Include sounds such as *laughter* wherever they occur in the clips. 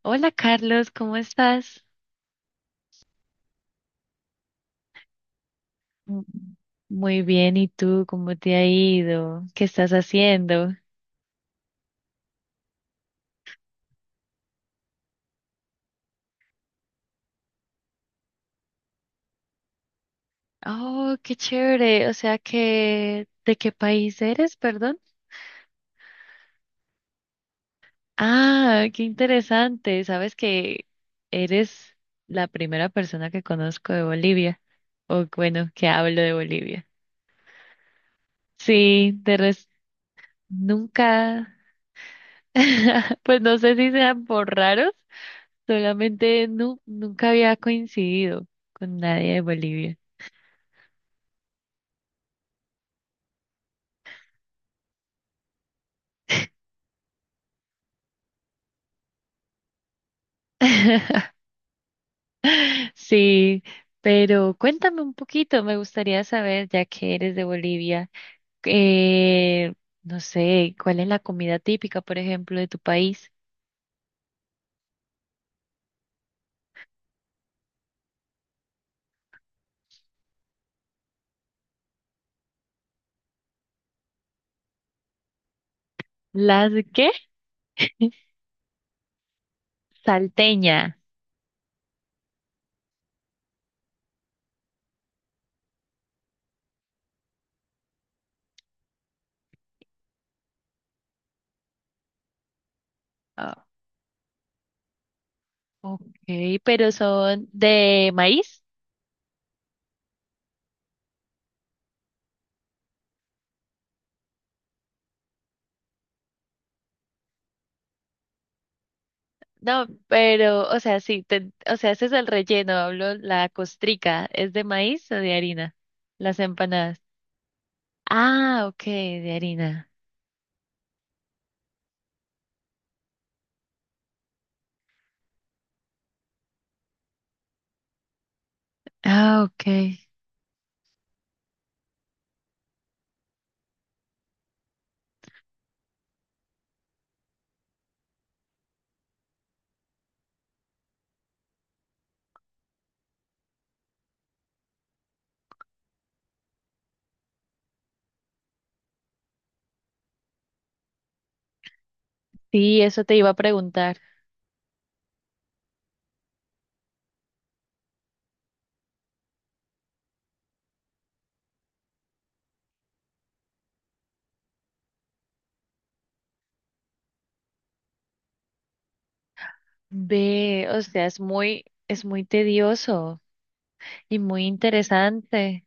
Hola Carlos, ¿cómo estás? Mm, Muy bien, ¿y tú cómo te ha ido? ¿Qué estás haciendo? Oh, qué chévere. O sea que, ¿de qué país eres, perdón? Ah, qué interesante. Sabes que eres la primera persona que conozco de Bolivia, o bueno, que hablo de Bolivia. Sí, de res- nunca, *laughs* pues no sé si sean por raros. Solamente nunca había coincidido con nadie de Bolivia. *laughs* Sí, pero cuéntame un poquito, me gustaría saber, ya que eres de Bolivia, eh, no sé, ¿cuál es la comida típica, por ejemplo, de tu país? ¿Las qué? Salteña. Ah, ok, pero son de maíz. No, pero, o sea, sí, o sea, ese es el relleno, hablo, la costrica, ¿es de maíz o de harina? Las empanadas. Ah, ok, de harina. Ah, ok. Sí, eso te iba a preguntar. Ve, o sea, es muy tedioso y muy interesante.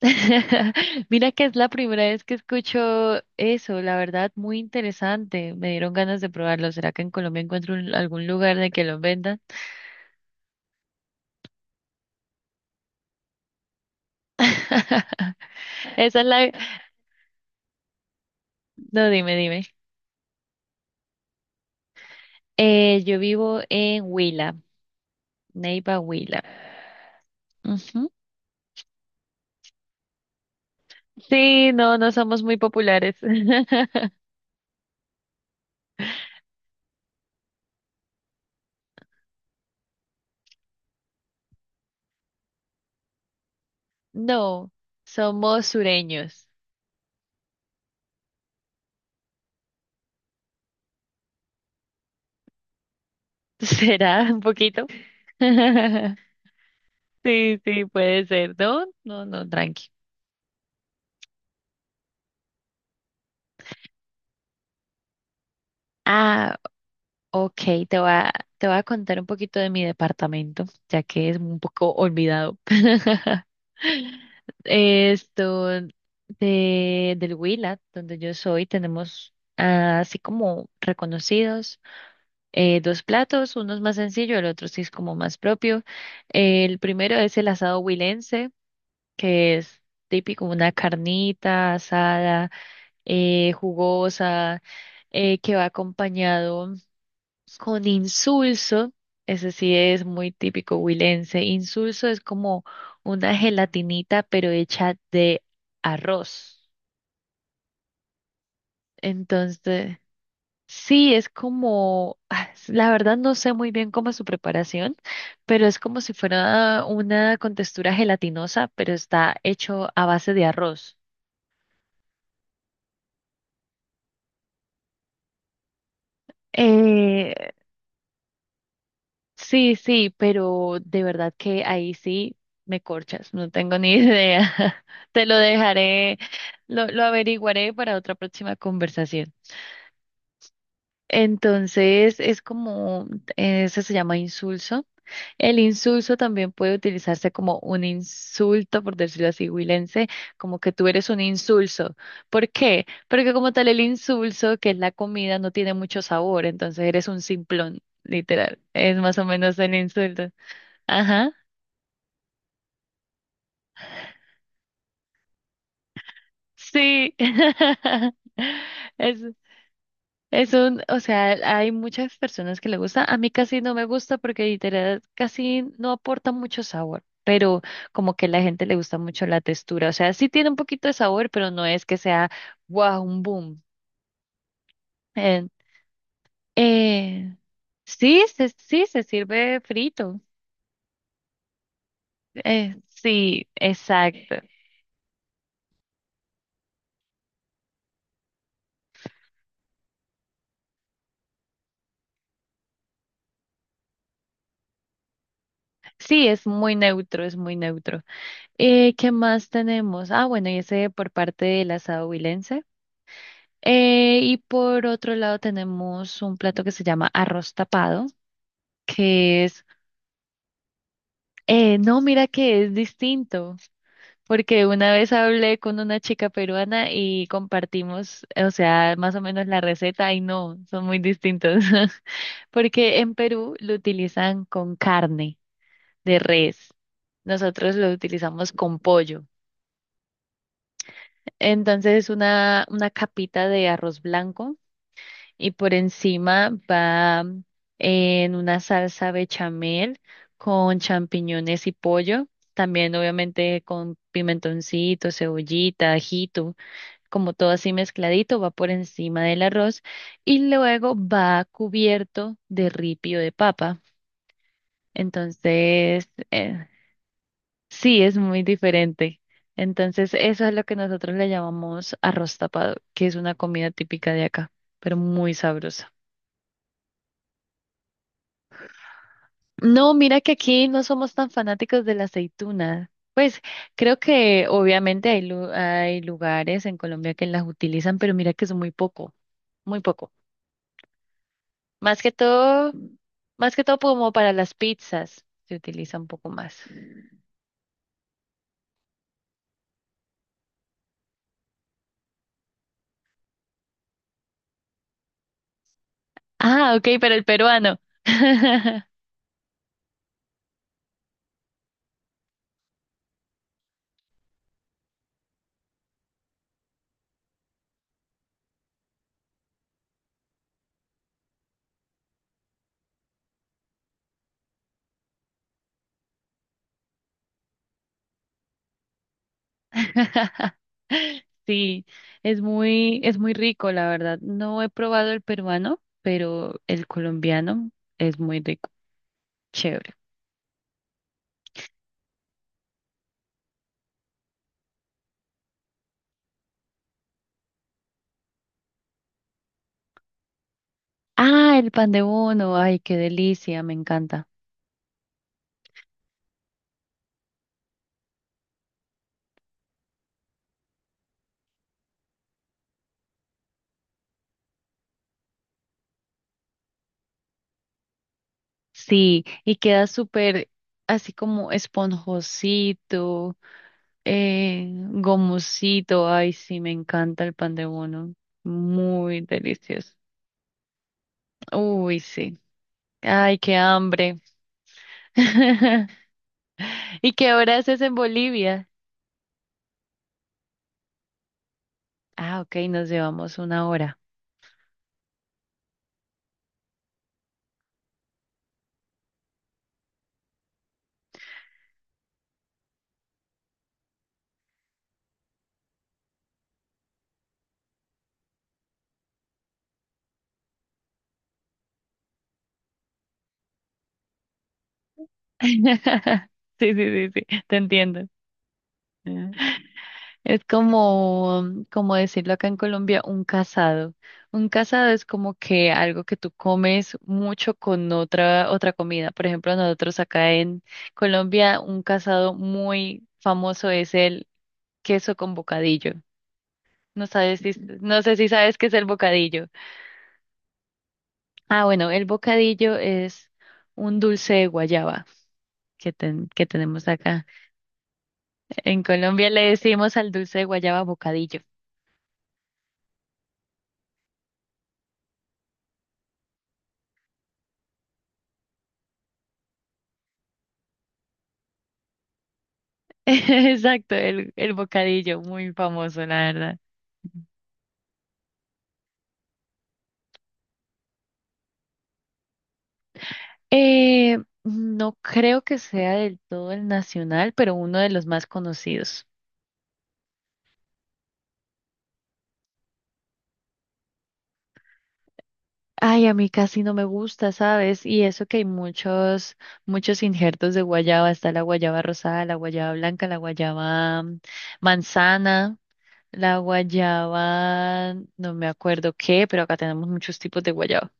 *laughs* Mira que es la primera vez que escucho eso, la verdad, muy interesante. Me dieron ganas de probarlo. ¿Será que en Colombia encuentro algún lugar de que lo vendan? *laughs* Esa es la... No, dime, dime. Yo vivo en Huila, Neiva, Huila. Ujú. Sí, no, no somos muy populares. *laughs* No, somos sureños. *laughs* ¿Será un poquito? *laughs* Sí, sí, puede ser. No, no, no, tranqui. Ah, ok, te voy a, te voy a contar un poquito de mi departamento, ya que es un poco olvidado. *laughs* Esto, del Huila, donde yo soy, tenemos ah, así como reconocidos. Eh, dos platos, uno es más sencillo, el otro sí es como más propio. El primero es el asado huilense, que es típico, una carnita asada, jugosa, que va acompañado con insulso, ese sí es muy típico huilense. Insulso es como una gelatinita, pero hecha de arroz. Entonces, sí, es como, ah, la verdad no sé muy bien cómo es su preparación, pero es como si fuera una con textura gelatinosa, pero está hecho a base de arroz. Eh, sí, sí, pero de verdad que ahí sí me corchas, no tengo ni idea. *laughs* Te lo dejaré, lo averiguaré para otra próxima conversación. Entonces es como, eso se llama insulso. El insulso también puede utilizarse como un insulto, por decirlo así, huilense, como que tú eres un insulso. ¿Por qué? Porque como tal el insulso, que es la comida, no tiene mucho sabor, entonces eres un simplón, literal. Es más o menos el insulto. Ajá, sí. *laughs* Es, es un, o sea, hay muchas personas que le gusta. A mí casi no me gusta porque literal casi no aporta mucho sabor, pero como que a la gente le gusta mucho la textura. O sea, sí tiene un poquito de sabor, pero no es que sea wow, un boom. Eh, eh, sí, sí, se sirve frito. Sí, exacto. Sí, es muy neutro, es muy neutro. ¿Qué más tenemos? Ah, bueno, y ese por parte del asado huilense. Y por otro lado tenemos un plato que se llama arroz tapado, que es, no, mira que es distinto, porque una vez hablé con una chica peruana y compartimos, o sea, más o menos la receta y no, son muy distintos, *laughs* porque en Perú lo utilizan con carne de res. Nosotros lo utilizamos con pollo. Entonces es una capita de arroz blanco y por encima va mm, en una salsa bechamel con champiñones y pollo, también obviamente con pimentoncito, cebollita, ajito, como todo así mezcladito, va por encima del arroz y luego va cubierto de ripio de papa. Entonces, sí, es muy diferente. Entonces, eso es lo que nosotros le llamamos arroz tapado, que es una comida típica de acá, pero muy sabrosa. No, mira que aquí no somos tan fanáticos de la aceituna. Pues creo que obviamente hay, hay lugares en Colombia que las utilizan, pero mira que es muy poco, muy poco. Más que todo, más que todo como para las pizzas se utiliza un poco más. Ah, ok, pero el peruano. *laughs* Sí, es muy rico, la verdad. No he probado el peruano, pero el colombiano es muy rico, chévere. Ah, el pan de bono. Ay, qué delicia, me encanta. Sí, y queda súper así como esponjosito, gomosito. Ay, sí, me encanta el pan de bono. Muy delicioso. Uy, sí. Ay, qué hambre. *laughs* ¿Y qué hora haces en Bolivia? Ah, ok, nos llevamos una hora. *laughs* Sí, sí, sí, sí, te entiendo. Es como, como decirlo acá en Colombia, un casado. Un casado es como que algo que tú comes mucho con otra comida. Por ejemplo, nosotros acá en Colombia, un casado muy famoso es el queso con bocadillo. No sabes si, no sé si sabes qué es el bocadillo. Ah, bueno, el bocadillo es un dulce de guayaba que tenemos acá. En Colombia le decimos al dulce de guayaba bocadillo. *laughs* Exacto, el bocadillo, muy famoso, la verdad. Eh, no creo que sea del todo el nacional, pero uno de los más conocidos. Ay, a mí casi no me gusta, ¿sabes? Y eso que hay muchos, muchos injertos de guayaba. Está la guayaba rosada, la guayaba blanca, la guayaba mm, manzana, la guayaba, no me acuerdo qué, pero acá tenemos muchos tipos de guayaba.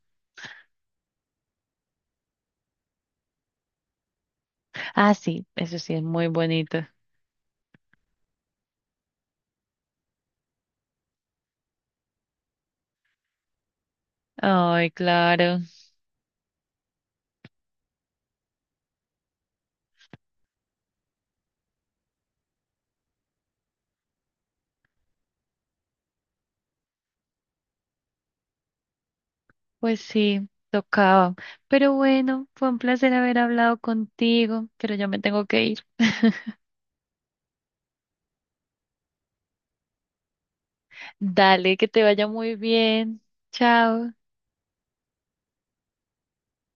Ah, sí, eso sí es muy bonito. Ay, claro. Pues sí, tocaba. Pero bueno, fue un placer haber hablado contigo, pero ya me tengo que ir. *laughs* Dale, que te vaya muy bien. Chao.